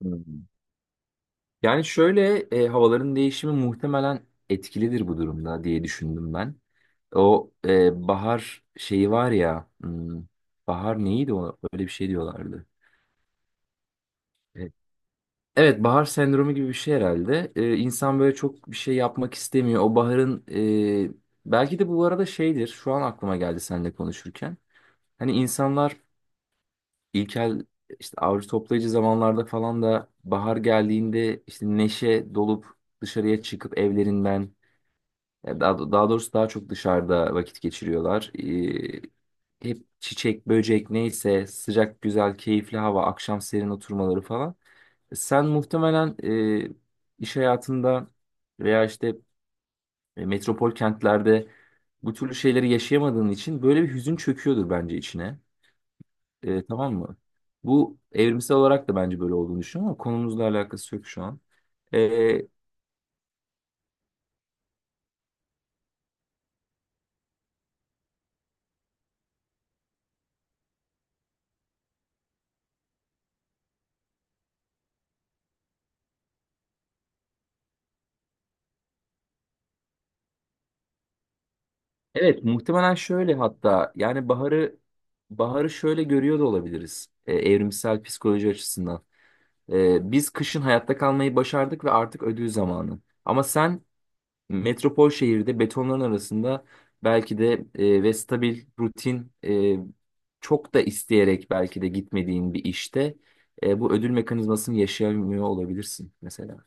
Hmm. Yani şöyle havaların değişimi muhtemelen etkilidir bu durumda diye düşündüm ben. O bahar şeyi var ya, bahar neydi o? Öyle bir şey diyorlardı. E, Evet, bahar sendromu gibi bir şey herhalde. İnsan böyle çok bir şey yapmak istemiyor. O baharın e, belki de bu arada şeydir. Şu an aklıma geldi seninle konuşurken. Hani insanlar İlkel işte avcı toplayıcı zamanlarda falan da bahar geldiğinde işte neşe dolup dışarıya çıkıp evlerinden ya daha doğrusu daha çok dışarıda vakit geçiriyorlar. Hep çiçek, böcek neyse sıcak, güzel, keyifli hava, akşam serin oturmaları falan. Sen muhtemelen e, iş hayatında veya işte metropol kentlerde bu türlü şeyleri yaşayamadığın için böyle bir hüzün çöküyordur bence içine. Tamam mı? Bu evrimsel olarak da bence böyle olduğunu düşünüyorum ama konumuzla alakası yok şu an. E, evet, muhtemelen şöyle, hatta yani baharı şöyle görüyor da olabiliriz evrimsel psikoloji açısından. Biz kışın hayatta kalmayı başardık ve artık ödül zamanı. Ama sen metropol şehirde betonların arasında belki de ve stabil, rutin, çok da isteyerek belki de gitmediğin bir işte bu ödül mekanizmasını yaşayamıyor olabilirsin mesela.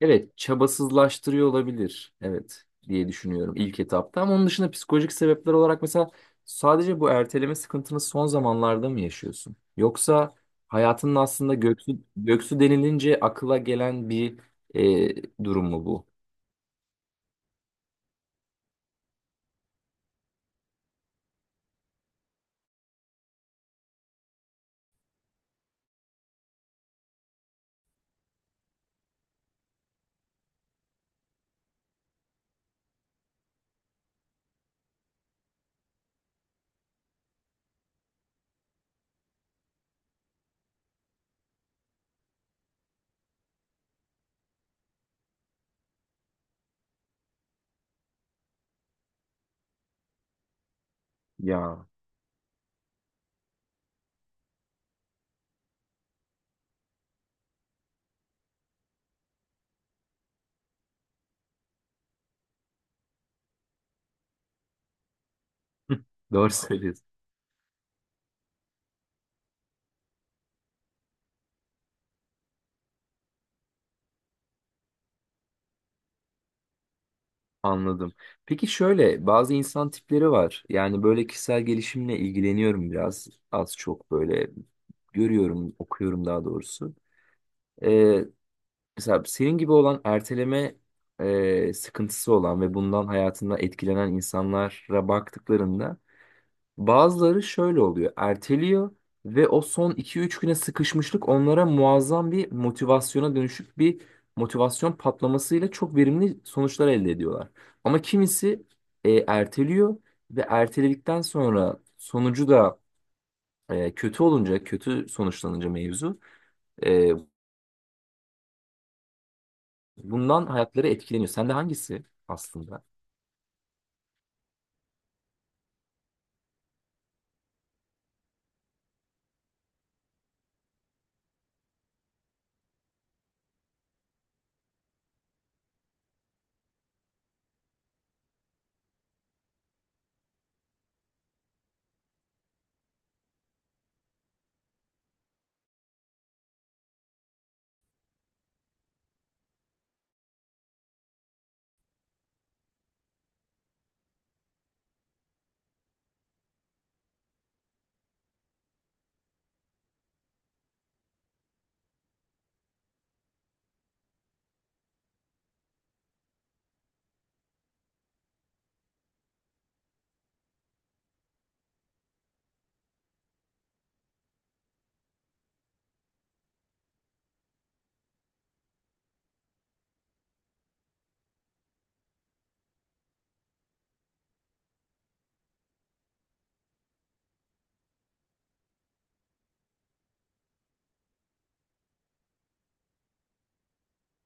Evet, çabasızlaştırıyor olabilir. Evet diye düşünüyorum ilk etapta. Ama onun dışında psikolojik sebepler olarak mesela sadece bu erteleme sıkıntını son zamanlarda mı yaşıyorsun? Yoksa hayatının aslında göksü denilince akıla gelen bir durum mu bu? Ya hı, doğru söylüyorsun. Anladım. Peki şöyle bazı insan tipleri var. Yani böyle kişisel gelişimle ilgileniyorum biraz. Az çok böyle görüyorum, okuyorum daha doğrusu. Ee, Mesela senin gibi olan erteleme sıkıntısı olan ve bundan hayatında etkilenen insanlara baktıklarında bazıları şöyle oluyor. Erteliyor ve o son iki üç güne sıkışmışlık onlara muazzam bir motivasyona dönüşüp bir motivasyon patlamasıyla çok verimli sonuçlar elde ediyorlar. Ama kimisi erteliyor ve erteledikten sonra sonucu da kötü olunca, kötü sonuçlanınca mevzu e, bundan hayatları etkileniyor. Sen de hangisi aslında?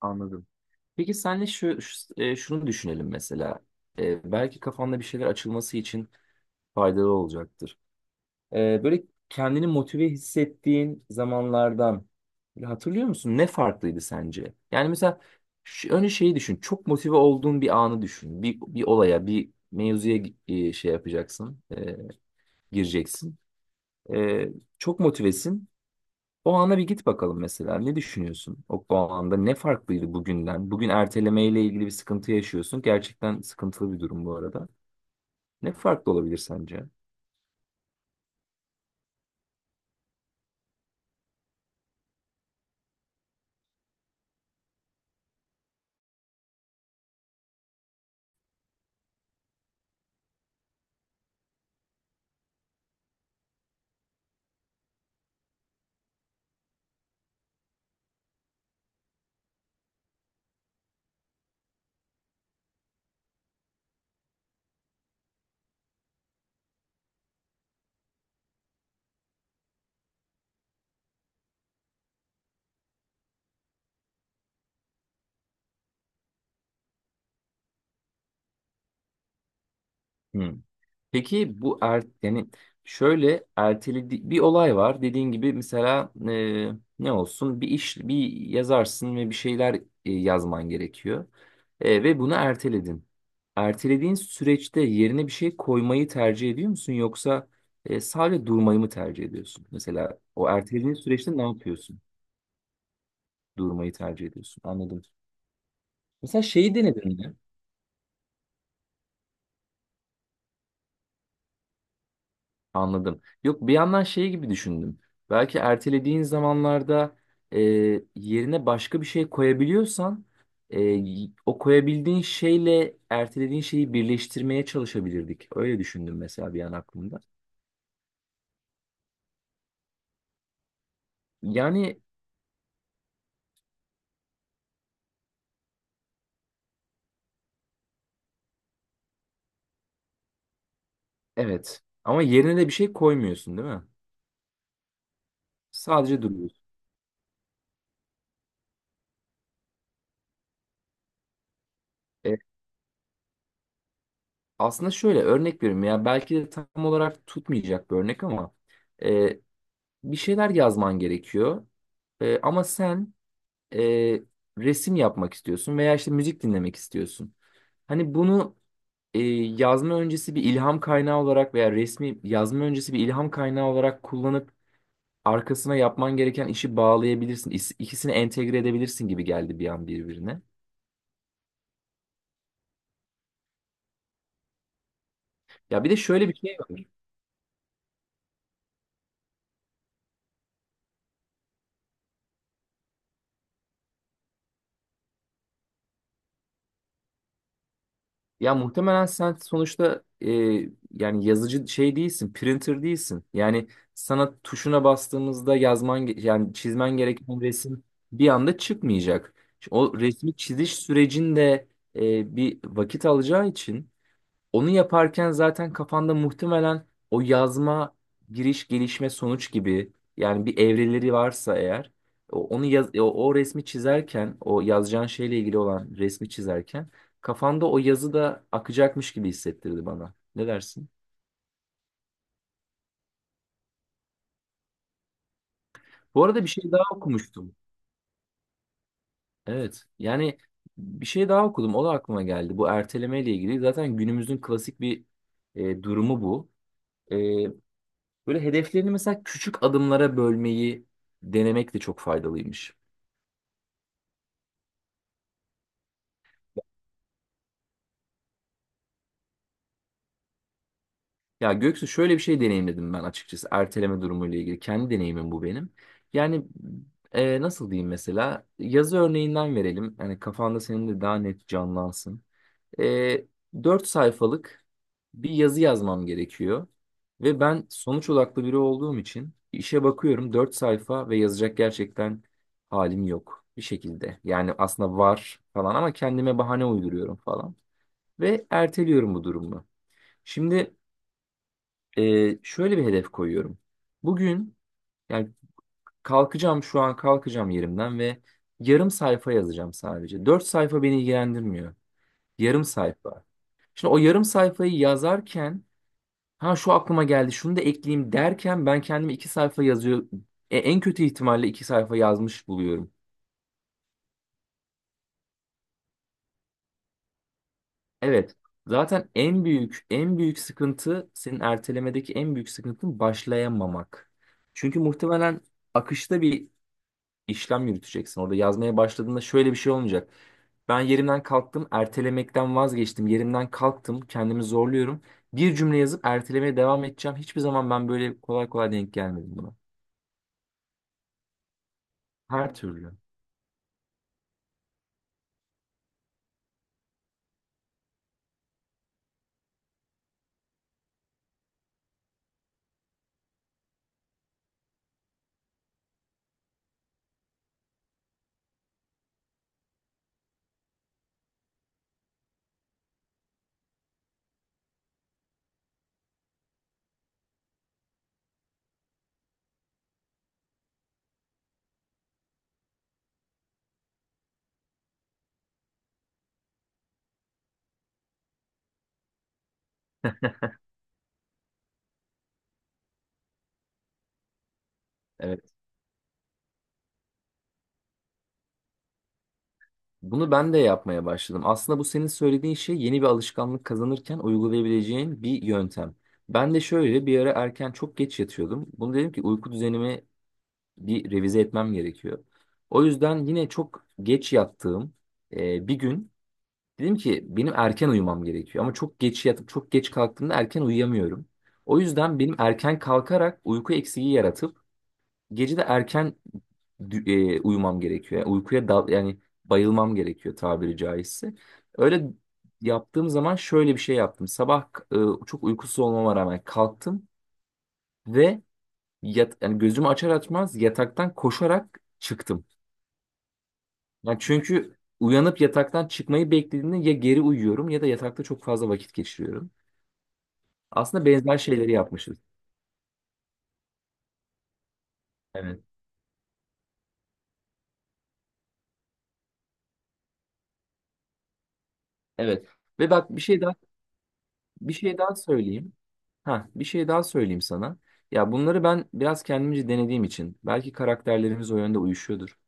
Anladım. Peki senle şunu düşünelim mesela. Belki kafanda bir şeyler açılması için faydalı olacaktır. Böyle kendini motive hissettiğin zamanlardan böyle hatırlıyor musun? Ne farklıydı sence? Yani mesela şu, önce şeyi düşün. Çok motive olduğun bir anı düşün. Bir olaya, bir mevzuya şey yapacaksın, gireceksin. E, Çok motivesin. O ana bir git bakalım mesela. Ne düşünüyorsun? O anda ne farklıydı bugünden? Bugün ertelemeyle ilgili bir sıkıntı yaşıyorsun. Gerçekten sıkıntılı bir durum bu arada. Ne farklı olabilir sence? Peki bu yani şöyle erteledi bir olay var. Dediğin gibi mesela ne olsun bir iş, bir yazarsın ve bir şeyler yazman gerekiyor. Ve bunu erteledin. Ertelediğin süreçte yerine bir şey koymayı tercih ediyor musun, yoksa sadece durmayı mı tercih ediyorsun? Mesela o ertelediğin süreçte ne yapıyorsun? Durmayı tercih ediyorsun. Anladım. Mesela şeyi denedin mi? Anladım. Yok, bir yandan şey gibi düşündüm. Belki ertelediğin zamanlarda e, yerine başka bir şey koyabiliyorsan o koyabildiğin şeyle ertelediğin şeyi birleştirmeye çalışabilirdik. Öyle düşündüm mesela bir an aklımda. Yani evet, ama yerine de bir şey koymuyorsun değil mi? Sadece duruyorsun. E, Aslında şöyle örnek veriyorum ya, belki de tam olarak tutmayacak bir örnek ama e, bir şeyler yazman gerekiyor. Ama sen e, resim yapmak istiyorsun veya işte müzik dinlemek istiyorsun. Hani bunu e, yazma öncesi bir ilham kaynağı olarak veya resmi yazma öncesi bir ilham kaynağı olarak kullanıp arkasına yapman gereken işi bağlayabilirsin. İkisini entegre edebilirsin gibi geldi bir an birbirine. Ya bir de şöyle bir şey var. Ya muhtemelen sen sonuçta yani yazıcı şey değilsin, printer değilsin. Yani sana tuşuna bastığımızda yani çizmen gereken resim bir anda çıkmayacak. O resmi çiziş sürecinde bir vakit alacağı için onu yaparken zaten kafanda muhtemelen o yazma, giriş, gelişme, sonuç gibi, yani bir evreleri varsa eğer onu yaz, o resmi çizerken, o yazacağın şeyle ilgili olan resmi çizerken kafanda o yazı da akacakmış gibi hissettirdi bana. Ne dersin? Bu arada bir şey daha okumuştum. Evet. Yani bir şey daha okudum. O da aklıma geldi. Bu erteleme ile ilgili. Zaten günümüzün klasik bir durumu bu. E, Böyle hedeflerini mesela küçük adımlara bölmeyi denemek de çok faydalıymış. Ya Göksu, şöyle bir şey deneyimledim ben açıkçası erteleme durumuyla ilgili. Kendi deneyimim bu benim. Yani nasıl diyeyim, mesela yazı örneğinden verelim. Yani kafanda senin de daha net canlansın. E, 4 sayfalık bir yazı yazmam gerekiyor. Ve ben sonuç odaklı biri olduğum için işe bakıyorum, 4 sayfa ve yazacak gerçekten halim yok bir şekilde. Yani aslında var falan, ama kendime bahane uyduruyorum falan. Ve erteliyorum bu durumu. Şimdi şöyle bir hedef koyuyorum. Bugün, yani kalkacağım şu an, kalkacağım yerimden ve yarım sayfa yazacağım sadece. 4 sayfa beni ilgilendirmiyor. Yarım sayfa. Şimdi o yarım sayfayı yazarken, ha şu aklıma geldi şunu da ekleyeyim derken ben kendimi 2 sayfa yazıyor, en kötü ihtimalle 2 sayfa yazmış buluyorum. Evet. Zaten en büyük sıkıntı, senin ertelemedeki en büyük sıkıntın başlayamamak. Çünkü muhtemelen akışta bir işlem yürüteceksin. Orada yazmaya başladığında şöyle bir şey olmayacak. Ben yerimden kalktım, ertelemekten vazgeçtim. Yerimden kalktım, kendimi zorluyorum. Bir cümle yazıp ertelemeye devam edeceğim. Hiçbir zaman ben böyle kolay kolay denk gelmedim buna. Her türlü. Evet. Bunu ben de yapmaya başladım. Aslında bu senin söylediğin şey yeni bir alışkanlık kazanırken uygulayabileceğin bir yöntem. Ben de şöyle bir ara erken çok geç yatıyordum. Bunu dedim ki uyku düzenimi bir revize etmem gerekiyor. O yüzden yine çok geç yattığım bir gün dedim ki benim erken uyumam gerekiyor, ama çok geç yatıp çok geç kalktığımda erken uyuyamıyorum. O yüzden benim erken kalkarak uyku eksiği yaratıp gece de erken uyumam gerekiyor. Yani uykuya dal, yani bayılmam gerekiyor tabiri caizse. Öyle yaptığım zaman şöyle bir şey yaptım. Sabah çok uykusuz olmama rağmen kalktım ve yani gözümü açar açmaz yataktan koşarak çıktım. Yani çünkü uyanıp yataktan çıkmayı beklediğimde ya geri uyuyorum ya da yatakta çok fazla vakit geçiriyorum. Aslında benzer şeyleri yapmışız. Evet. Evet. Ve bak, bir şey daha söyleyeyim. Ha, bir şey daha söyleyeyim sana. Ya bunları ben biraz kendimce denediğim için belki karakterlerimiz o yönde uyuşuyordur.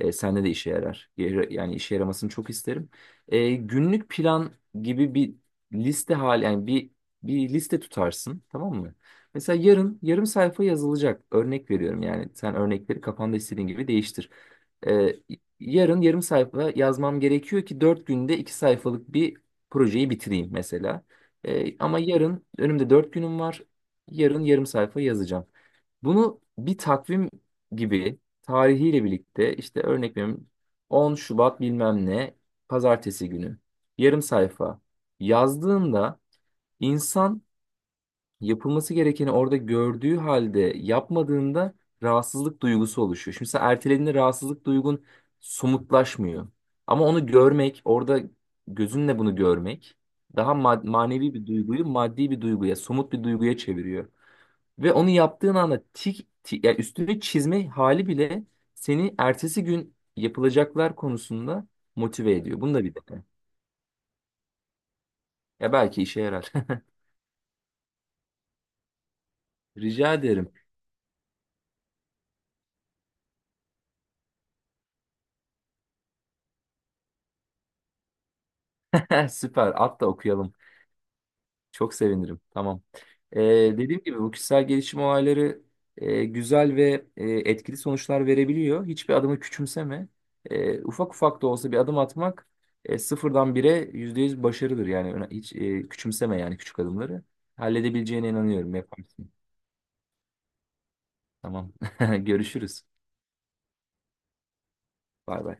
Sende de işe yarar. Yani işe yaramasını çok isterim. Günlük plan gibi bir liste hali, yani bir liste tutarsın, tamam mı? Mesela yarın yarım sayfa yazılacak. Örnek veriyorum, yani sen örnekleri kafanda istediğin gibi değiştir. E, Yarın yarım sayfa yazmam gerekiyor ki 4 günde 2 sayfalık bir projeyi bitireyim mesela. Ama yarın önümde 4 günüm var. Yarın yarım sayfa yazacağım. Bunu bir takvim gibi tarihiyle birlikte, işte örnek veriyorum, 10 Şubat bilmem ne pazartesi günü yarım sayfa yazdığında, insan yapılması gerekeni orada gördüğü halde yapmadığında rahatsızlık duygusu oluşuyor. Şimdi sen ertelediğinde rahatsızlık duygun somutlaşmıyor. Ama onu görmek, orada gözünle bunu görmek daha manevi bir duyguyu maddi bir duyguya, somut bir duyguya çeviriyor. Ve onu yaptığın anda tik, tik, yani üstüne çizme hali bile seni ertesi gün yapılacaklar konusunda motive ediyor. Bunu da bir dene. Ya belki işe yarar. Rica ederim. Süper. At da okuyalım. Çok sevinirim. Tamam. Ee, Dediğim gibi bu kişisel gelişim olayları güzel ve etkili sonuçlar verebiliyor. Hiçbir adımı küçümseme. Ufak ufak da olsa bir adım atmak sıfırdan bire %100 başarıdır. Yani küçümseme yani küçük adımları. Halledebileceğine inanıyorum. Yaparsın. Tamam. Görüşürüz. Bay bay.